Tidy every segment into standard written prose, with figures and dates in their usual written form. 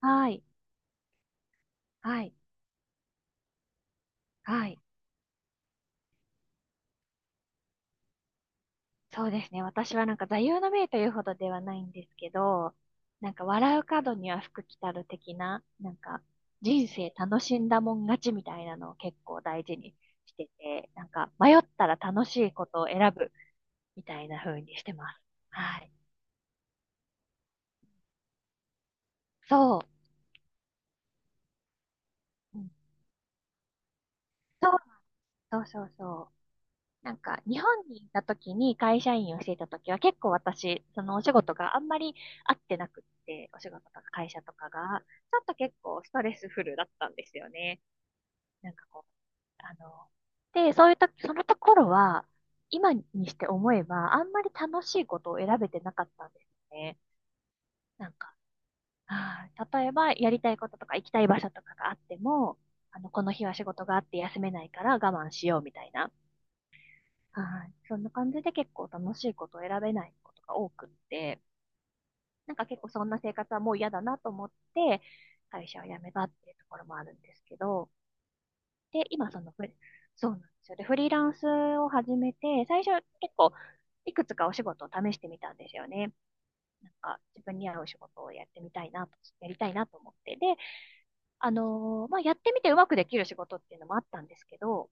はい、はい、はい。そうですね。私はなんか座右の銘というほどではないんですけど、なんか笑う角には福来たる的な、なんか人生楽しんだもん勝ちみたいなのを結構大事にしてて、なんか迷ったら楽しいことを選ぶみたいな風にしてます。はい。そう。うんそう、そうそうそう。なんか、日本にいた時に会社員をしていた時は結構私、そのお仕事があんまり合ってなくって、お仕事とか会社とかが、ちょっと結構ストレスフルだったんですよね。なんかこう、あの、で、そういうときそのところは、今にして思えば、あんまり楽しいことを選べてなかったんですね。なんか、あー例えば、やりたいこととか行きたい場所とかがあっても、この日は仕事があって休めないから我慢しようみたいな。はい。そんな感じで結構楽しいことを選べないことが多くって、なんか結構そんな生活はもう嫌だなと思って、会社を辞めたっていうところもあるんですけど、で、今そのフリ、そうなんですよ。で、フリーランスを始めて、最初結構いくつかお仕事を試してみたんですよね。なんか自分に合う仕事をやってみたいなと、やりたいなと思って。で、まあ、やってみてうまくできる仕事っていうのもあったんですけど、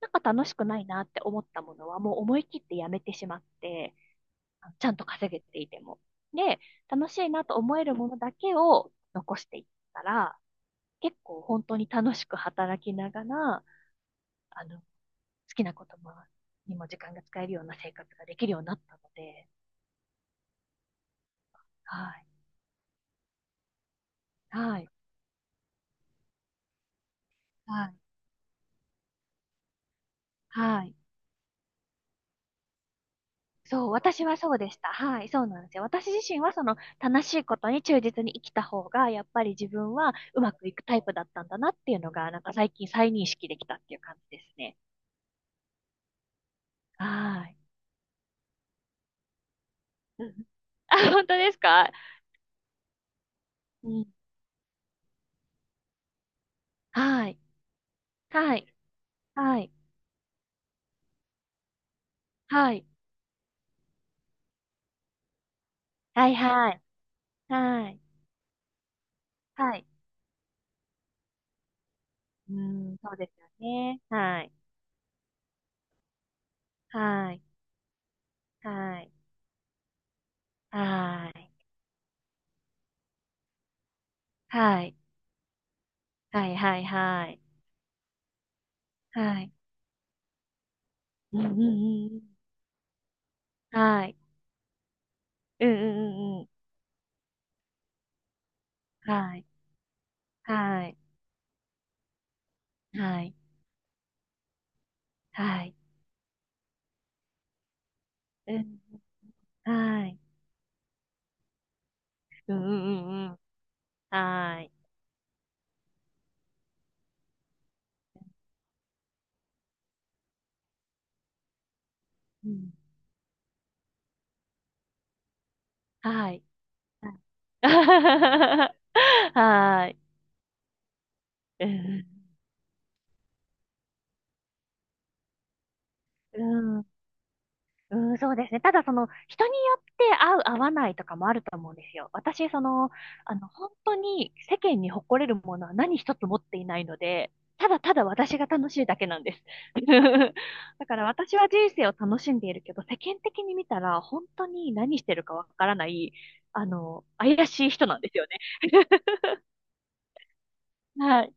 なんか楽しくないなって思ったものはもう思い切ってやめてしまって、ちゃんと稼げていても。で、楽しいなと思えるものだけを残していったら、結構本当に楽しく働きながら、好きなこともにも時間が使えるような生活ができるようになったので、はい、はい、はい、はい。そう、私はそうでした。はい、そうなんですよ。私自身はその楽しいことに忠実に生きた方が、やっぱり自分はうまくいくタイプだったんだなっていうのが、なんか最近再認識できたっていう感じですね。はい。うん。あ、本当ですか。うん。はい。はい。はい。はい。はい。はい。はい。はい。うん、そうですよね。はい。はい。はい。はい。はい。はい。はい。はい。はい。うんうんうんうん。はい。うんうんうんうん。はい。はい。はい。はい。うん。はい。うんうんうんうん。はい。うん。はい。はい。はい。うん。うん、うん、そうですね。ただ、その、人によって合う、合わないとかもあると思うんですよ。私、その、本当に世間に誇れるものは何一つ持っていないので、ただただ私が楽しいだけなんです。だから私は人生を楽しんでいるけど、世間的に見たら本当に何してるかわからない、怪しい人なんですよね。はい。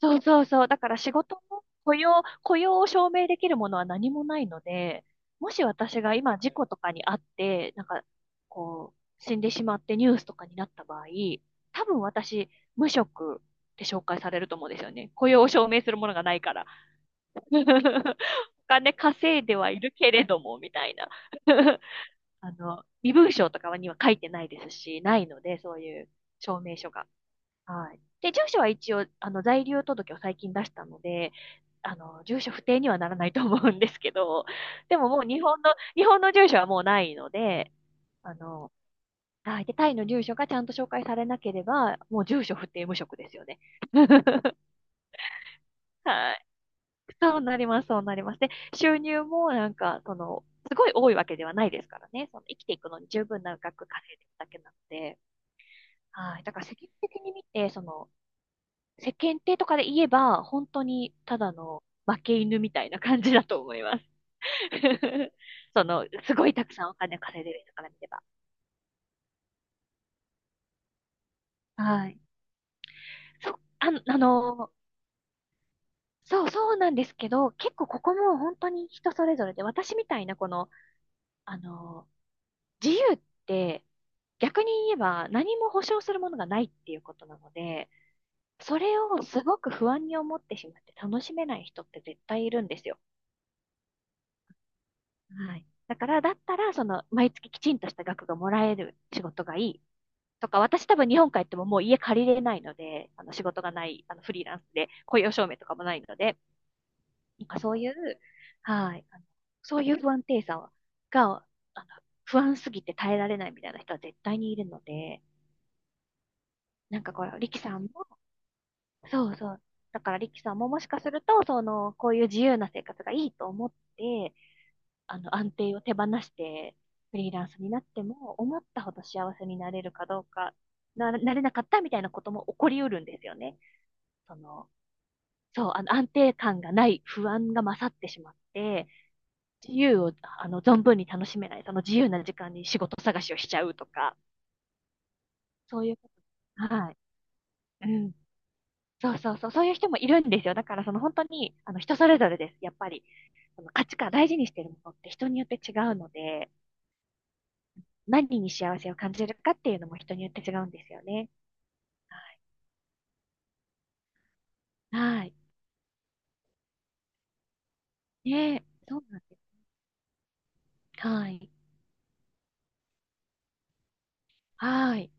そうそうそう。だから仕事も雇用を証明できるものは何もないので、もし私が今事故とかにあって、なんか、こう、死んでしまってニュースとかになった場合、多分私、無職って紹介されると思うんですよね。雇用を証明するものがないから。お金稼いではいるけれども、みたいな。身分証とかには書いてないですし、ないので、そういう証明書が。はい。で、住所は一応、在留届を最近出したので、住所不定にはならないと思うんですけど、でももう日本の住所はもうないので、あの、はい。で、タイの住所がちゃんと紹介されなければ、もう住所不定無職ですよね。はい。そうなります、そうなります。で、収入もなんか、その、すごい多いわけではないですからね。その生きていくのに十分な額稼いでるだけなので、はい。だから世間的に見て、その、世間体とかで言えば、本当にただの負け犬みたいな感じだと思います。その、すごいたくさんお金稼いでる人から見れば。はい。そ、あ、あの、そうそうなんですけど、結構ここも本当に人それぞれで、私みたいなこの、あの、自由って逆に言えば何も保証するものがないっていうことなので、それをすごく不安に思ってしまって楽しめない人って絶対いるんですよ。はい。だから、だったら、その、毎月きちんとした額がもらえる仕事がいい。とか、私多分日本帰ってももう家借りれないので、あの、仕事がない、フリーランスで、雇用証明とかもないので、なんかそういう、はい、あのそういう不安定さはが、あの、不安すぎて耐えられないみたいな人は絶対にいるので、なんかこれ、リキさんも、そうそう。だからリキさんももしかすると、その、こういう自由な生活がいいと思って、安定を手放して、フリーランスになっても、思ったほど幸せになれるかどうか、なれなかったみたいなことも起こりうるんですよね。その、そう、安定感がない不安が勝ってしまって、自由を、存分に楽しめない、その自由な時間に仕事探しをしちゃうとか、そういうこと。はい。うん。そうそうそう、そういう人もいるんですよ。だからその本当に、人それぞれです、やっぱり。その価値観、大事にしてるものって人によって違うので、何に幸せを感じるかっていうのも人によって違うんですよね。はい。はい。ねえ、そうなんです。はい。はい。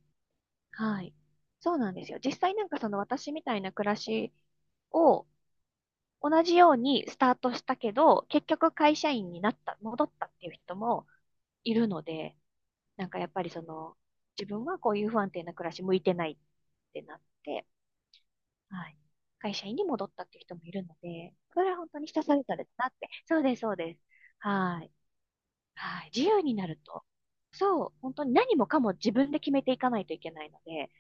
はい。そうなんですよ。実際なんかその私みたいな暮らしを同じようにスタートしたけど、結局会社員になった、戻ったっていう人もいるので、なんかやっぱりその、自分はこういう不安定な暮らし向いてないってなって、はい。会社員に戻ったっていう人もいるので、それは本当に人それぞれだなって。そうです、そうです。はい。はい、自由になると。そう、本当に何もかも自分で決めていかないといけないので、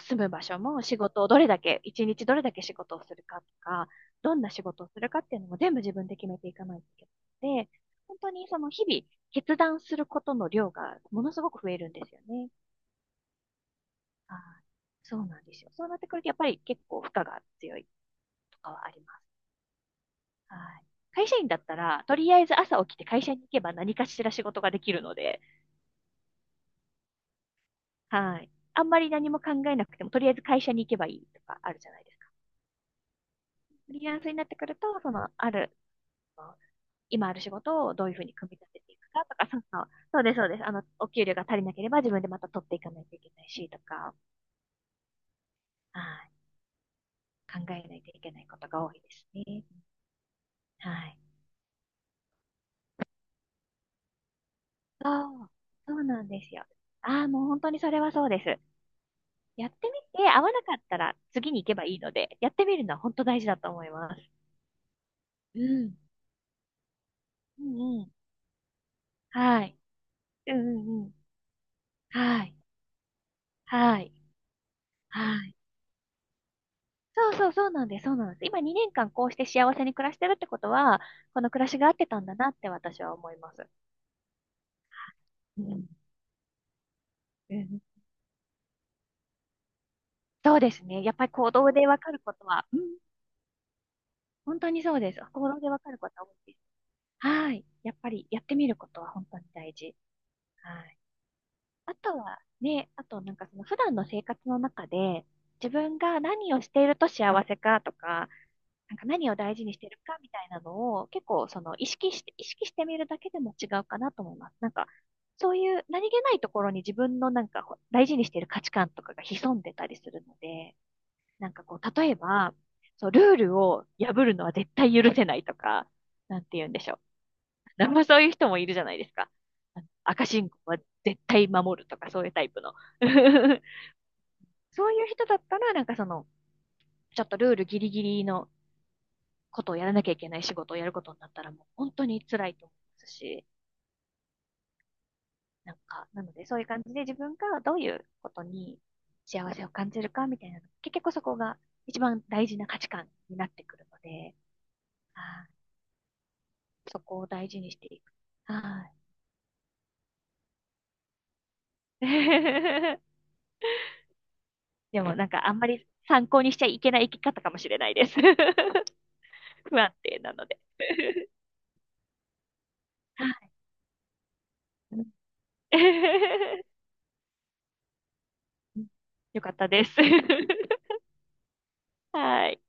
住む場所も仕事をどれだけ、一日どれだけ仕事をするかとか、どんな仕事をするかっていうのも全部自分で決めていかないといけないので、本当にその日々決断することの量がものすごく増えるんですよね。はい。そうなんですよ。そうなってくるとやっぱり結構負荷が強いとかはあります。はい。会社員だったら、とりあえず朝起きて会社に行けば何かしら仕事ができるので、はい。あんまり何も考えなくても、とりあえず会社に行けばいいとかあるじゃないですか。フリーランスになってくると、その、ある、今ある仕事をどういうふうに組み立てていくかとか、そうそう、そうです、そうです。お給料が足りなければ自分でまた取っていかないといけないし、とか、はい。考えないといけないことが多いですね。はい。そう、そうなんですよ。ああ、もう本当にそれはそうです。やってみて、合わなかったら次に行けばいいので、やってみるのは本当大事だと思います。うん。うんうん。はい。うんうんうん。はい。はい。はい。そうそうそうなんです。そうなんです。今2年間こうして幸せに暮らしてるってことは、この暮らしが合ってたんだなって私は思います。うん。うんそうですね。やっぱり行動でわかることは、うん。本当にそうです。行動でわかることは多いです。はい。やっぱりやってみることは本当に大事。はい。あとはね、あとなんかその普段の生活の中で、自分が何をしていると幸せかとか、なんか何を大事にしてるかみたいなのを結構その意識して、意識してみるだけでも違うかなと思います。なんかそういう何気ないところに自分のなんか大事にしてる価値観とかが潜んでたりするので、なんかこう例えば、そう、ルールを破るのは絶対許せないとか、なんて言うんでしょう。なんもそういう人もいるじゃないですか。あの赤信号は絶対守るとかそういうタイプの。そういう人だったら、なんかその、ちょっとルールギリギリのことをやらなきゃいけない仕事をやることになったらもう本当に辛いと思いますし、なんか、なのでそういう感じで自分がどういうことに幸せを感じるかみたいな、結局そこが一番大事な価値観になってくるので、あそこを大事にしていく。はい。でもなんかあんまり参考にしちゃいけない生き方かもしれないです。不安定なので。はい。よかったです。はい。